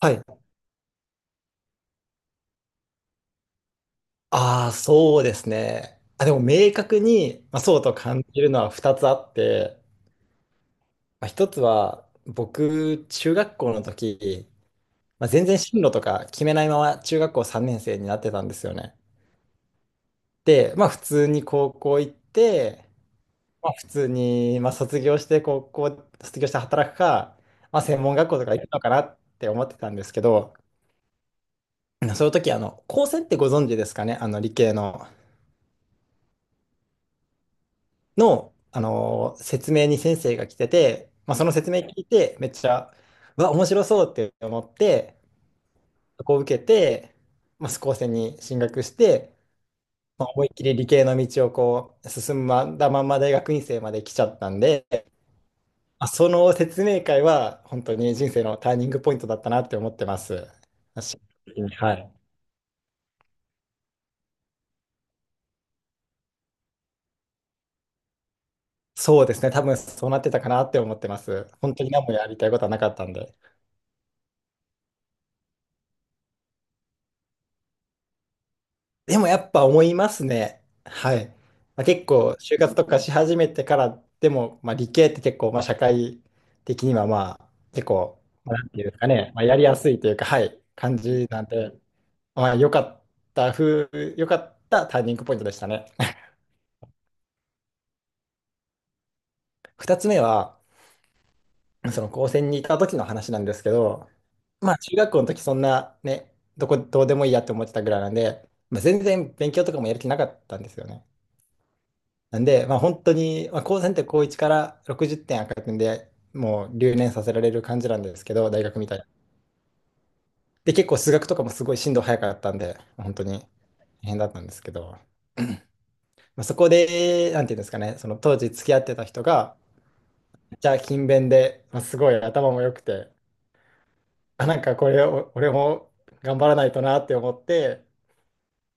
はい。ああ、そうですね。あ、でも明確に、まあ、そうと感じるのは2つあって、まあ、1つは僕、中学校の時、まあ、全然進路とか決めないまま中学校3年生になってたんですよね。で、まあ普通に高校行って、まあ普通に、まあ、卒業して高校、卒業して働くか、まあ専門学校とか行くのかなって思ってたんですけど、その時、あの、高専ってご存知ですかね？あの理系の。の、説明に先生が来てて、まあ、その説明聞いて、めっちゃ、うわ、面白そうって思って、そこを受けて、まあ、スコーセンに進学して、まあ、思いっきり理系の道をこう進んだまんま大学院生まで来ちゃったんで、まあ、その説明会は本当に人生のターニングポイントだったなって思ってます。私的にはい。そうですね、多分そうなってたかなって思ってます。本当に何もやりたいことはなかったんで。でもやっぱ思いますね。はい。まあ、結構、就活とかし始めてからでも、まあ、理系って結構、まあ、社会的には、まあ、結構、まあ、なんていうんですかね、まあ、やりやすいというか、はい、感じなんで、まあ、良かったターニングポイントでしたね。二つ目は、その高専にいた時の話なんですけど、まあ、中学校の時そんなね、どうでもいいやって思ってたぐらいなんで、まあ、全然勉強とかもやる気なかったんですよね。なんで、まあ、本当に、まあ、高専って高1から60点赤くんでもう留年させられる感じなんですけど、大学みたいな。で、結構数学とかもすごい進度早かったんで、本当に大変だったんですけど、まあ、そこで、なんていうんですかね、その当時付き合ってた人が、めっちゃ勤勉で、まあ、すごい頭も良くて、あ、なんかこれを、俺も頑張らないとなって思って、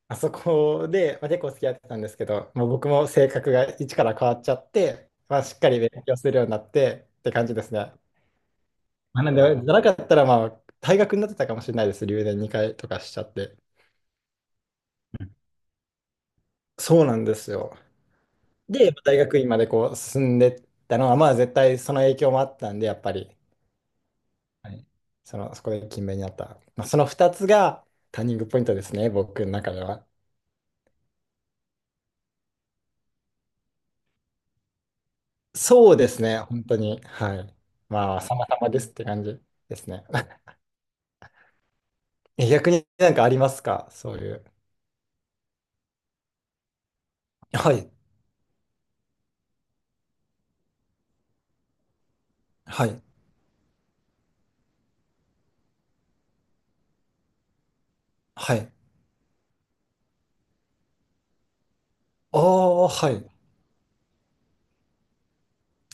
まあそこで、まあ、結構付き合ってたんですけど、もう僕も性格が一から変わっちゃって、まあ、しっかり勉強するようになってって感じですね。まあ、なんで、じゃなかったら、まあ、退学になってたかもしれないです。留年2回とかしちゃって。そうなんですよ。で、大学院までこう進んでったのは、まあ、絶対その影響もあったんで、やっぱり、はい、その、そこで勤勉になった。まあ、その2つがターニングポイントですね、僕の中では。そうですね、本当に。はい。まあ、様々ですって感じですね。え、逆になんかありますか？そういう。はい、はい、はい。ああ、はい。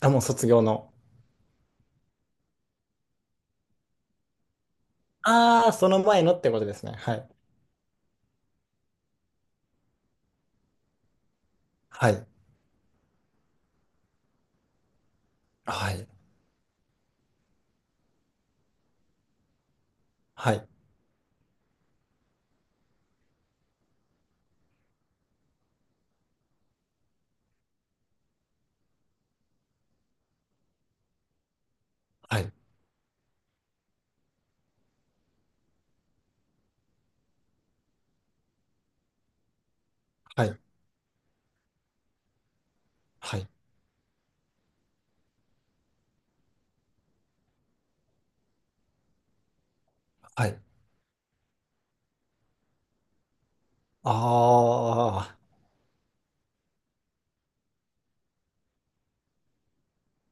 あ、もう卒業の。ああ、その前のってことですね。はい。はい。はい。はい。はい。はい。はい。はい。ああ、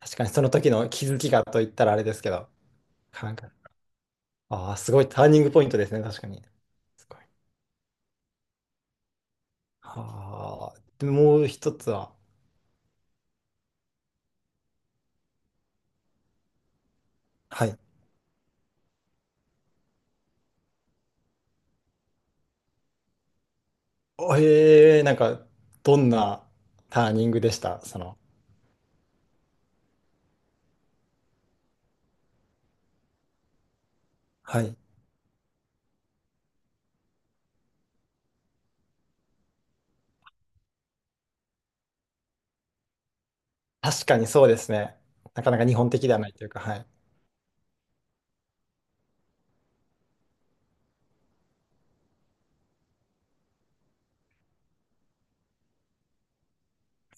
確かにその時の気づきがと言ったらあれですけど。なんか、ああ、すごいターニングポイントですね。確かに。すごい。ああ、で、もう一つは。はい。ええ、なんか、どんなターニングでしたその？はい。確かにそうですね。なかなか日本的ではないというか、はい。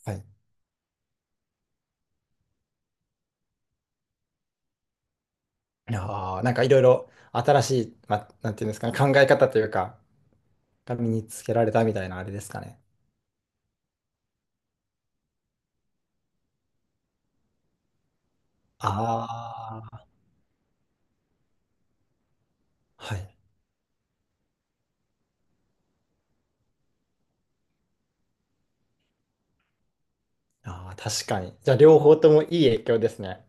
はい。ああ、なんかいろいろ新しい、まあ、なんていうんですかね、考え方というか、が身につけられたみたいなあれですかね。ああ、はい。ああ、確かに。じゃあ両方ともいい影響ですね。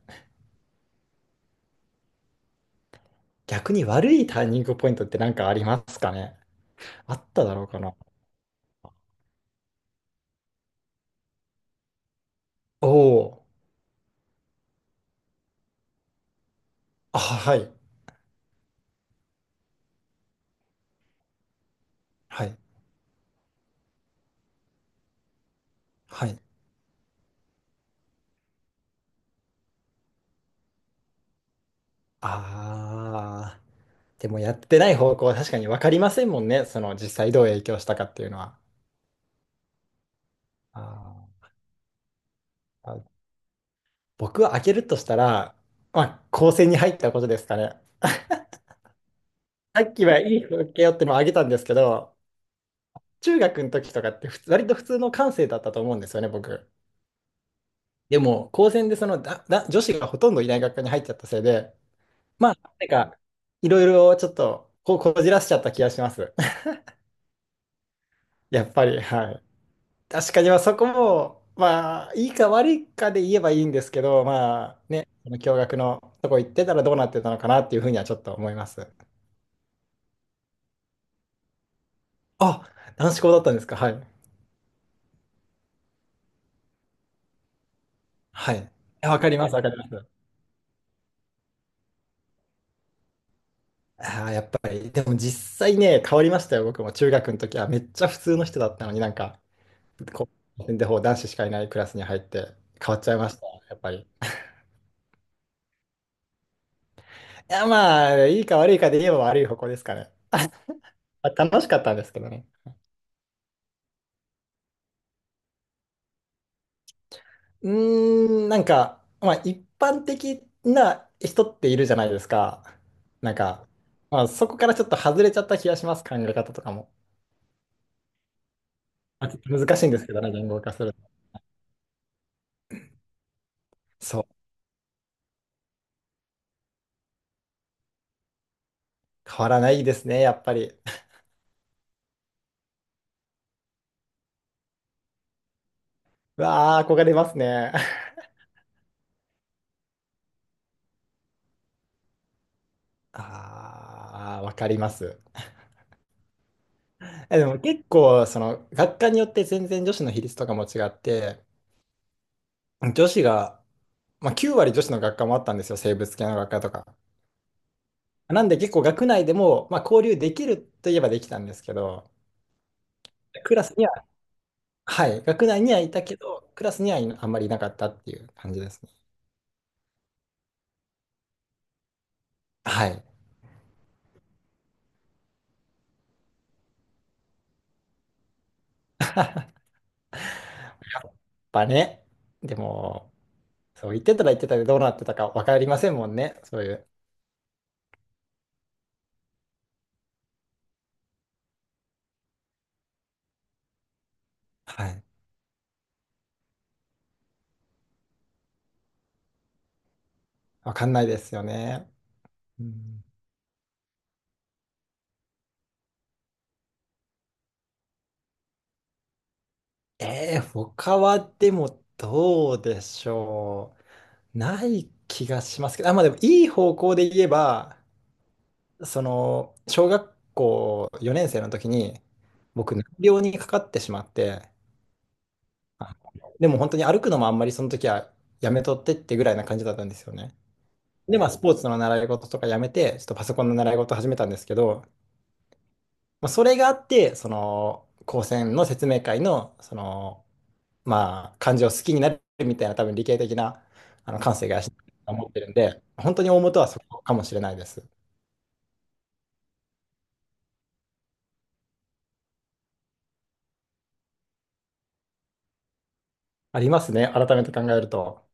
逆に悪いターニングポイントって何かありますかね？あっただろうかな。おお、あ、はい。はい。はい。ああ、でもやってない方向は確かに分かりませんもんね。その実際どう影響したかっていうのは。ああ。僕は開けるとしたら、まあ、高専に入ったことですかね。さっきはいい風景よってのを挙げたんですけど、中学の時とかって普通割と普通の感性だったと思うんですよね、僕。でも、高専でそのだだ女子がほとんどいない学科に入っちゃったせいで、まあ、なんか、いろいろちょっとこじらしちゃった気がします。やっぱり、はい。確かに、まあそこも、まあ、いいか悪いかで言えばいいんですけど、まあね、その共学のとこ行ってたらどうなってたのかなっていうふうにはちょっと思います。あ、男子校だったんですか？はい。はい。いやわかります、わかります。ああ、やっぱり、でも実際ね、変わりましたよ、僕も。中学の時はめっちゃ普通の人だったのになんか、こう、で、ほう男子しかいないクラスに入って変わっちゃいました、やっぱり。いや、まあ、いいか悪いかで言えば悪い方向ですかね。まあ、楽しかったんですけどね。うーん、なんか、まあ、一般的な人っているじゃないですか。なんか、まあ、そこからちょっと外れちゃった気がします、考え方とかも。まあ、ちょっと難しいんですけどね、言語化するの。そう。変わらないですね、やっぱり。うわあ、憧れますね。ああ、わかります。え、でも結構、その、学科によって全然女子の比率とかも違って、女子が、まあ、9割女子の学科もあったんですよ、生物系の学科とか。なんで結構学内でも、まあ、交流できるといえばできたんですけど、クラスには、はい、学内にはいたけど、クラスにはいあんまりいなかったっていう感じですね。はい。やっぱね、でも、そう、言ってたら言ってたでどうなってたか分かりませんもんね。そういう。はい。分かんないですよね。うん、他はでもどうでしょう。ない気がしますけど、あ、まあでもいい方向で言えば、その、小学校4年生の時に、僕、難病にかかってしまって、あ、でも本当に歩くのもあんまりその時はやめとってってぐらいな感じだったんですよね。で、まあ、スポーツの習い事とかやめて、ちょっとパソコンの習い事始めたんですけど、まあ、それがあって、その、高専の説明会の、その、まあ、漢字を好きになるみたいな、多分理系的な、あの、感性が養ってると思ってるんで、本当に大元はそこかもしれないです。ありますね、改めて考えると。